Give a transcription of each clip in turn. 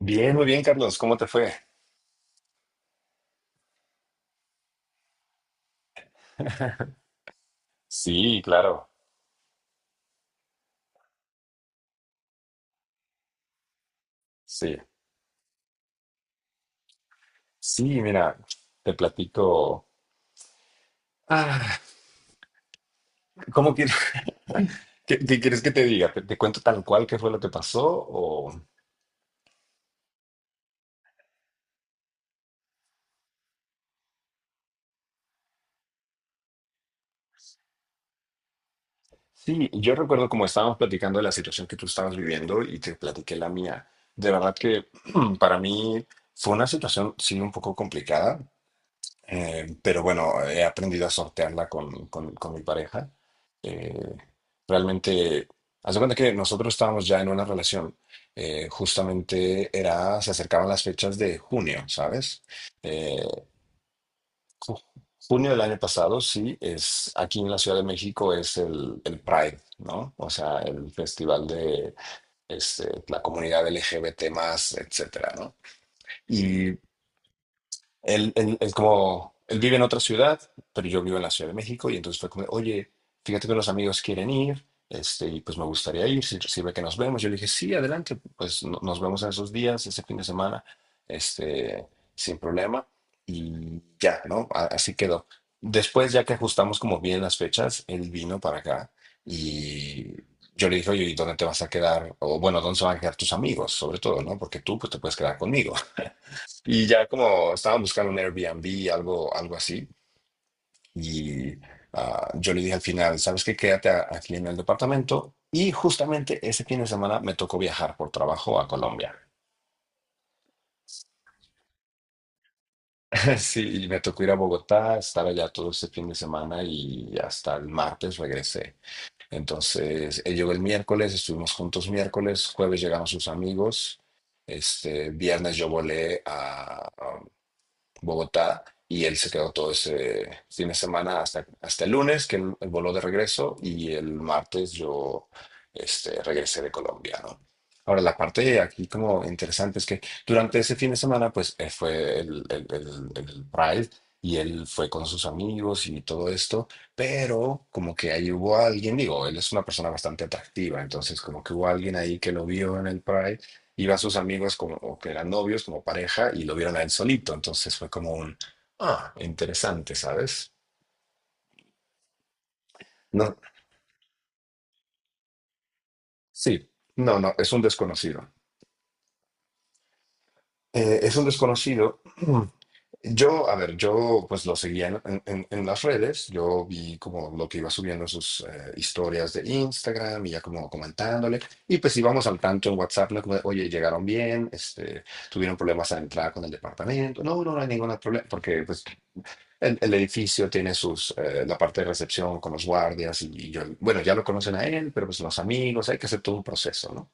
Bien, muy bien, Carlos. ¿Cómo te fue? Sí, claro. Sí. Sí, mira, te platico. Ah, ¿cómo quieres? ¿Qué quieres que te diga? ¿Te cuento tal cual qué fue lo que pasó? O... Sí, yo recuerdo como estábamos platicando de la situación que tú estabas viviendo y te platiqué la mía. De verdad que para mí fue una situación, sí, un poco complicada. Pero bueno, he aprendido a sortearla con, con mi pareja. Eh, Realmente, haz de cuenta que nosotros estábamos ya en una relación. Justamente era, se acercaban las fechas de junio, ¿sabes? Eh, ju- Junio del año pasado, sí, es aquí en la Ciudad de México, es el Pride, ¿no? O sea, el festival de la comunidad LGBT, más, etcétera, ¿no? Y él vive en otra ciudad, pero yo vivo en la Ciudad de México y entonces fue como, oye, fíjate que los amigos quieren ir, y pues me gustaría ir, si sirve que nos vemos. Yo le dije, sí, adelante, pues nos vemos en esos días, ese fin de semana, este, sin problema. Y ya, ¿no? Así quedó. Después, ya que ajustamos como bien las fechas, él vino para acá y yo le dije, oye, ¿y dónde te vas a quedar? O bueno, ¿dónde se van a quedar tus amigos? Sobre todo, ¿no? Porque tú, pues, te puedes quedar conmigo. Y ya como estaba buscando un Airbnb, algo, algo así, y yo le dije al final, ¿sabes qué? Quédate aquí en el departamento. Y justamente ese fin de semana me tocó viajar por trabajo a Colombia. Sí, y me tocó ir a Bogotá, estar allá todo ese fin de semana y hasta el martes regresé. Entonces, él llegó el miércoles, estuvimos juntos miércoles, jueves llegaron sus amigos, viernes yo volé a Bogotá, y él se quedó todo ese fin de semana hasta el lunes, que él voló de regreso, y el martes yo regresé de Colombia, ¿no? Ahora, la parte aquí como interesante es que durante ese fin de semana, pues fue el Pride, y él fue con sus amigos y todo esto, pero como que ahí hubo alguien, digo, él es una persona bastante atractiva, entonces como que hubo alguien ahí que lo vio en el Pride. Iba a sus amigos como o que eran novios, como pareja, y lo vieron a él solito. Entonces fue como un, ah, interesante, ¿sabes? No, sí, no, no, es un desconocido. Es un desconocido. Yo, a ver, yo pues lo seguía en las redes, yo vi como lo que iba subiendo en sus historias de Instagram y ya como comentándole, y pues íbamos al tanto en WhatsApp, ¿no? Como de, oye, llegaron bien, tuvieron problemas a entrar con el departamento, no, no, no hay ningún problema, porque pues el edificio tiene la parte de recepción con los guardias, y yo, bueno, ya lo conocen a él, pero pues los amigos, hay que hacer todo un proceso, ¿no?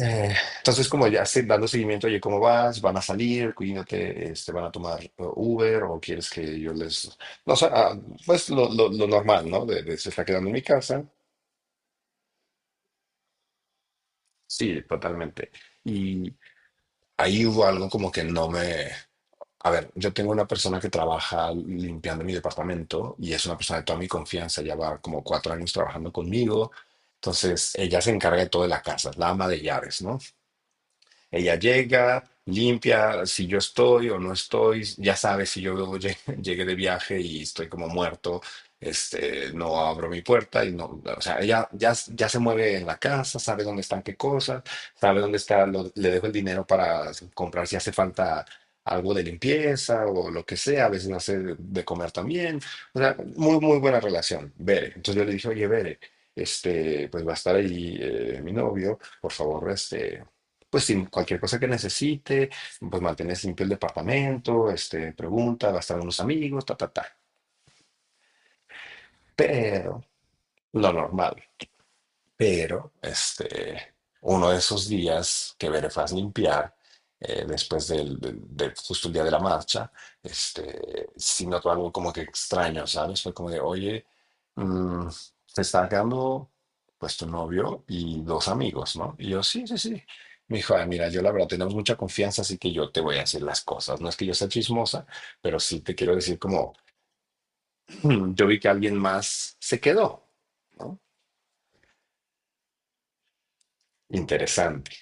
Eh, entonces, como ya dando seguimiento, oye, ¿cómo vas? ¿Van a salir? Cuídate, ¿van a tomar Uber, o quieres que yo les... No, sé, pues lo normal, ¿no? De se está quedando en mi casa. Sí, totalmente. Y ahí hubo algo como que no me... A ver, yo tengo una persona que trabaja limpiando mi departamento y es una persona de toda mi confianza, ya va como 4 años trabajando conmigo. Entonces, ella se encarga de todo de la casa, es la ama de llaves, ¿no? Ella llega, limpia, si yo estoy o no estoy, ya sabe. Si yo llegué de viaje y estoy como muerto, no abro mi puerta y no, o sea, ella ya, ya se mueve en la casa, sabe dónde están qué cosas, sabe dónde está, le dejo el dinero para comprar si hace falta algo de limpieza o lo que sea, a veces hace de comer también, o sea, muy, muy buena relación, Bere. Entonces yo le dije, oye, Bere, pues va a estar ahí mi novio, por favor, pues sí, cualquier cosa que necesite, pues mantener limpio el departamento, pregunta, va a estar unos amigos, ta, ta, ta. Pero lo normal. Pero uno de esos días que Verefaz limpiar, después justo el día de la marcha, sí notó algo como que extraño, ¿sabes? Fue como de, oye, mm, te está quedando pues tu novio y dos amigos, ¿no? Y yo, sí, sí, sí. Me dijo, "Ah, mira, yo la verdad tenemos mucha confianza, así que yo te voy a decir las cosas. No es que yo sea chismosa, pero sí te quiero decir como, yo vi que alguien más se quedó, ¿no? Interesante.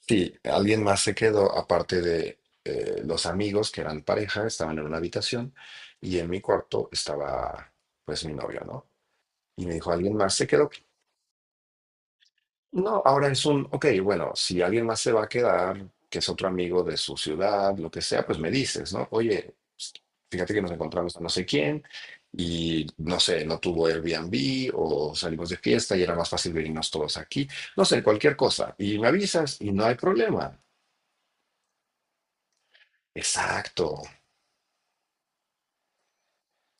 Sí, alguien más se quedó, aparte de los amigos que eran pareja, estaban en una habitación y en mi cuarto estaba pues mi novio, ¿no? Y me dijo, ¿alguien más se quedó? No, ahora es un, ok, bueno, si alguien más se va a quedar, que es otro amigo de su ciudad, lo que sea, pues me dices, ¿no? Oye, pues, fíjate que nos encontramos a no sé quién y no sé, no tuvo Airbnb o salimos de fiesta y era más fácil venirnos todos aquí, no sé, cualquier cosa. Y me avisas y no hay problema. Exacto.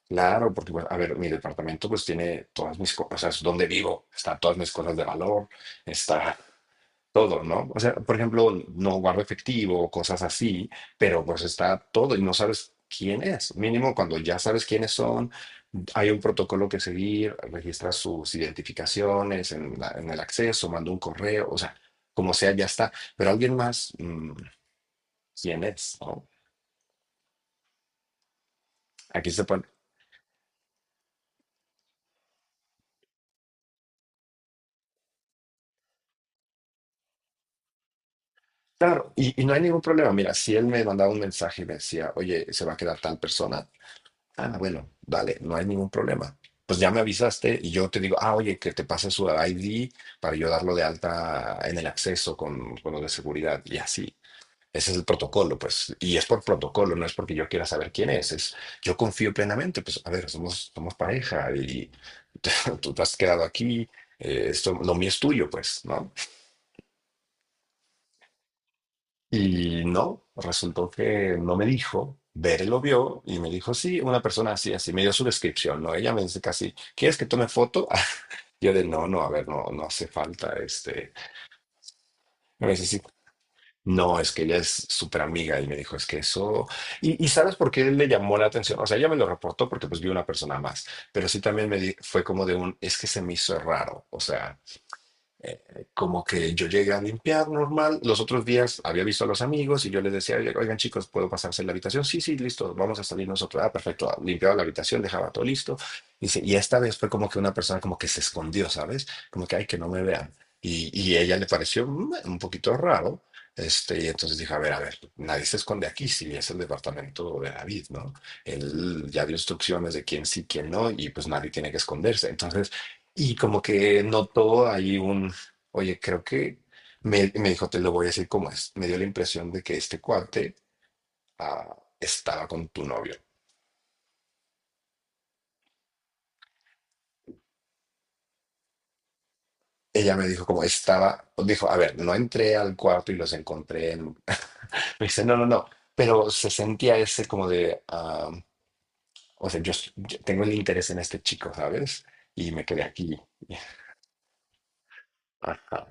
Claro, porque, bueno, a ver, mi departamento pues tiene todas mis cosas, o sea, es donde vivo, están todas mis cosas de valor, está todo, ¿no? O sea, por ejemplo, no guardo efectivo, cosas así, pero pues está todo y no sabes quién es. Mínimo, cuando ya sabes quiénes son, hay un protocolo que seguir, registras sus identificaciones en el acceso, manda un correo, o sea, como sea, ya está. Pero alguien más, ¿quién es? ¿no? Aquí se, Claro, y no hay ningún problema. Mira, si él me mandaba un mensaje y me decía, oye, se va a quedar tal persona, ah, bueno, dale, no hay ningún problema. Pues ya me avisaste y yo te digo, ah, oye, que te pase su ID para yo darlo de alta en el acceso con lo de seguridad y así. Ese es el protocolo, pues, y es por protocolo, no es porque yo quiera saber quién es, yo confío plenamente, pues, a ver, somos, somos pareja y tú te has quedado aquí, esto, lo mío es tuyo, pues, ¿no? Y no, resultó que no me dijo. Bere lo vio y me dijo, sí, una persona así, así. Me dio su descripción, ¿no? Ella me dice casi, ¿quieres que tome foto? Yo de, no, no, a ver, no, no hace falta. Me dice, sí. No, es que ella es súper amiga y me dijo, es que eso... Y ¿sabes por qué le llamó la atención? O sea, ella me lo reportó porque pues vi una persona más, pero sí también fue como de un, es que se me hizo raro, o sea... Como que yo llegué a limpiar normal. Los otros días había visto a los amigos y yo les decía, oigan chicos, ¿puedo pasarse la habitación? Sí, sí, listo, vamos a salir nosotros. Ah, perfecto, ah, limpiaba la habitación, dejaba todo listo. Dice, y esta vez fue como que una persona como que se escondió, ¿sabes? Como que, ay, que no me vean. Y ella le pareció un poquito raro. Y entonces dije, a ver, nadie se esconde aquí, si es el departamento de David, ¿no? Él ya dio instrucciones de quién sí, quién no, y pues nadie tiene que esconderse. Entonces, y como que notó ahí un... Oye, creo que me dijo, te lo voy a decir como es. Me dio la impresión de que este cuate estaba con tu novio. Ella me dijo como estaba, dijo, a ver, no entré al cuarto y los encontré en... Me dice, no, no, no, pero se sentía ese como de, ah, o sea, yo tengo el interés en este chico, ¿sabes? Y me quedé aquí. Ajá.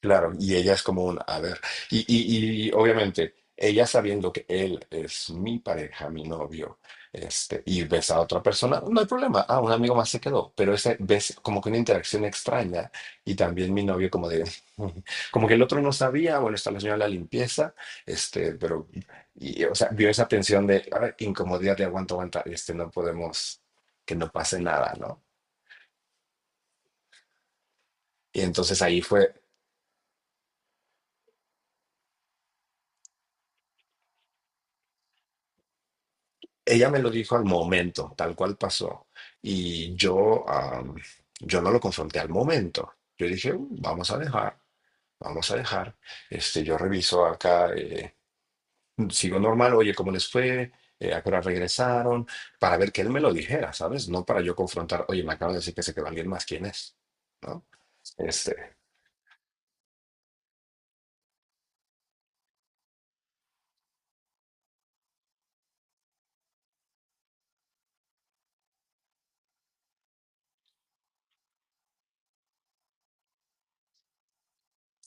Claro, y ella es como un, a ver, y obviamente ella, sabiendo que él es mi pareja, mi novio, y ves a otra persona, no hay problema, ah, un amigo más se quedó, pero ese ves como que una interacción extraña y también mi novio como de, como que el otro no sabía, bueno, está la señora de la limpieza, pero, y, o sea, vio esa tensión de, a ver, incomodidad de aguanta, aguanta, no podemos, que no pase nada, ¿no? Y entonces ahí fue... Ella me lo dijo al momento, tal cual pasó. Y yo, yo no lo confronté al momento. Yo dije, "Mm, vamos a dejar, vamos a dejar. Este, yo reviso acá, sigo normal, oye, ¿cómo les fue? ¿A qué hora regresaron? Para ver que él me lo dijera, ¿sabes? No para yo confrontar, oye, me acaban de decir que se quedó alguien más, ¿quién es? ¿No? Este.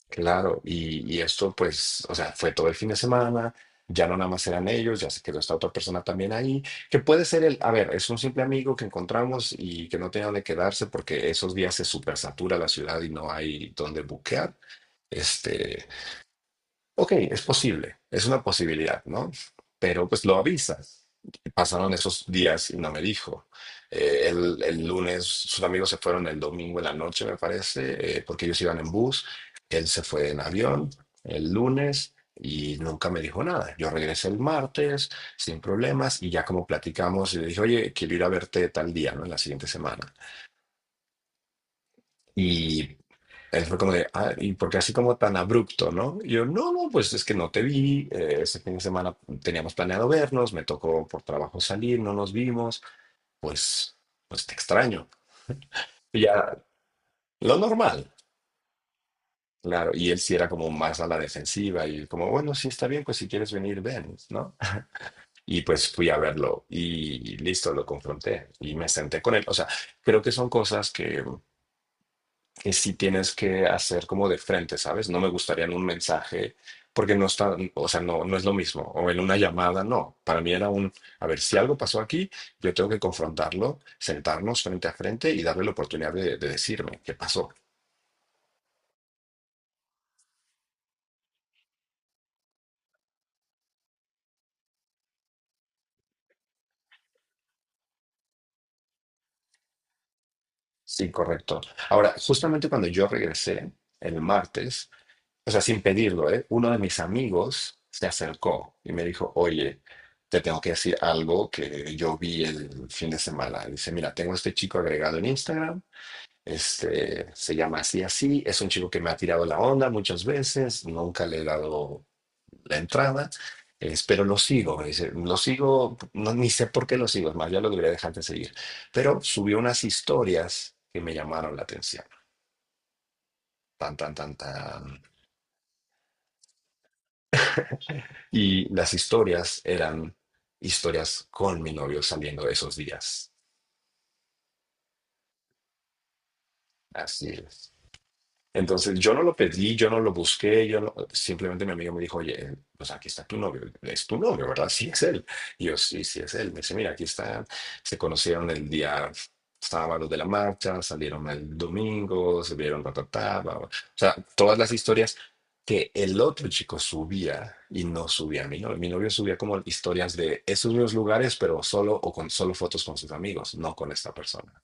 Claro, y esto pues, o sea, fue todo el fin de semana, ya no nada más eran ellos, ya se quedó esta otra persona también ahí, que puede ser el, a ver, es un simple amigo que encontramos y que no tenía dónde quedarse porque esos días se supersatura la ciudad y no hay dónde buquear. Este, ok, es posible, es una posibilidad, ¿no? Pero pues lo avisas. Pasaron esos días y no me dijo. El lunes sus amigos se fueron el domingo en la noche, me parece, porque ellos iban en bus. Él se fue en avión el lunes y nunca me dijo nada. Yo regresé el martes sin problemas y ya como platicamos, y le dije, oye, quiero ir a verte tal día, ¿no? En la siguiente semana. Y él fue como de, ah, ¿y porque así como tan abrupto, no? Y yo, no, no, pues es que no te vi, ese fin de semana teníamos planeado vernos, me tocó por trabajo salir, no nos vimos, pues, pues te extraño. Y ya, lo normal, claro. Y él sí era como más a la defensiva y como, bueno, sí está bien, pues si quieres venir, ven, ¿no? Y pues fui a verlo y listo, lo confronté y me senté con él. O sea, creo que son cosas que sí tienes que hacer como de frente, ¿sabes? No me gustaría en un mensaje, porque no está, o sea, no, no es lo mismo. O en una llamada, no. Para mí era un, a ver, si algo pasó aquí, yo tengo que confrontarlo, sentarnos frente a frente y darle la oportunidad de decirme qué pasó. Sí, correcto. Ahora, justamente cuando yo regresé el martes, o sea, sin pedirlo, ¿eh? Uno de mis amigos se acercó y me dijo, oye, te tengo que decir algo que yo vi el fin de semana. Dice, mira, tengo a este chico agregado en Instagram. Este, se llama así, así. Es un chico que me ha tirado la onda muchas veces, nunca le he dado la entrada, pero lo sigo. Me dice, lo sigo, no, ni sé por qué lo sigo, es más, ya lo debería dejar de seguir. Pero subió unas historias que me llamaron la atención. Tan, tan, tan, tan. Y las historias eran historias con mi novio saliendo de esos días. Así es. Entonces yo no lo pedí, yo no lo busqué, yo no- simplemente mi amigo me dijo, oye, pues aquí está tu novio, es tu novio, ¿verdad? Sí, es él. Y yo, sí, sí, es él. Me dice, mira, aquí está, se conocieron el día sábado de la marcha, salieron el domingo, se vieron, ta, ta, ta, bla, bla". O sea, todas las historias que el otro chico subía y no subía a mi novio. Mi novio subía como historias de esos mismos lugares, pero solo o con solo fotos con sus amigos, no con esta persona.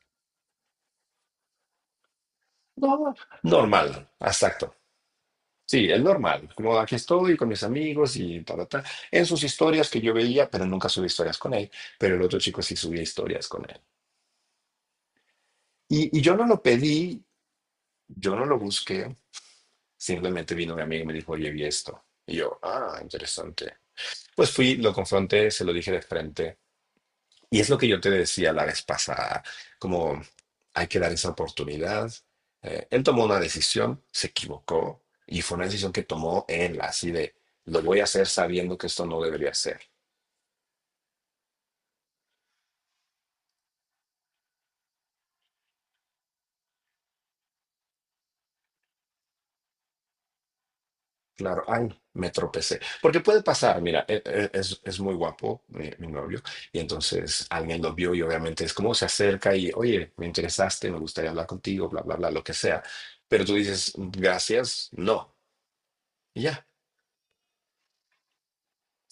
No, normal, exacto. Sí, el normal, como aquí estoy con mis amigos y tal, tal, en sus historias que yo veía, pero nunca subí historias con él, pero el otro chico sí subía historias con él. Y yo no lo pedí, yo no lo busqué, simplemente vino mi amigo y me dijo, oye, vi esto. Y yo, ah, interesante. Pues fui, lo confronté, se lo dije de frente. Y es lo que yo te decía la vez pasada, como hay que dar esa oportunidad. Él tomó una decisión, se equivocó, y fue una decisión que tomó él, así de, lo voy a hacer sabiendo que esto no debería ser. Claro, ay, me tropecé. Porque puede pasar, mira, es muy guapo mi novio, y entonces alguien lo vio y obviamente es como se acerca y, oye, me interesaste, me gustaría hablar contigo, bla, bla, bla, lo que sea. Pero tú dices, gracias, no, y ya.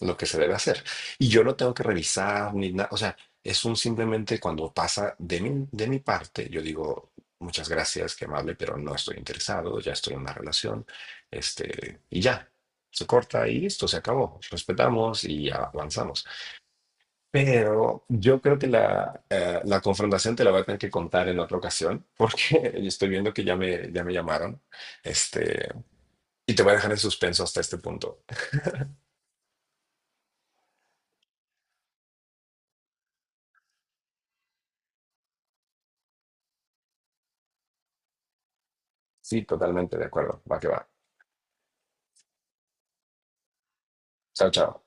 Lo que se debe hacer. Y yo no tengo que revisar ni nada, o sea, es un simplemente cuando pasa de de mi parte, yo digo, muchas gracias, qué amable, pero no estoy interesado, ya estoy en una relación, este, y ya, se corta y listo, se acabó, respetamos y avanzamos. Pero yo creo que la, la confrontación te la voy a tener que contar en otra ocasión, porque estoy viendo que ya me llamaron, este, y te voy a dejar en suspenso hasta este punto. Sí, totalmente de acuerdo, va que va. Chao, chao.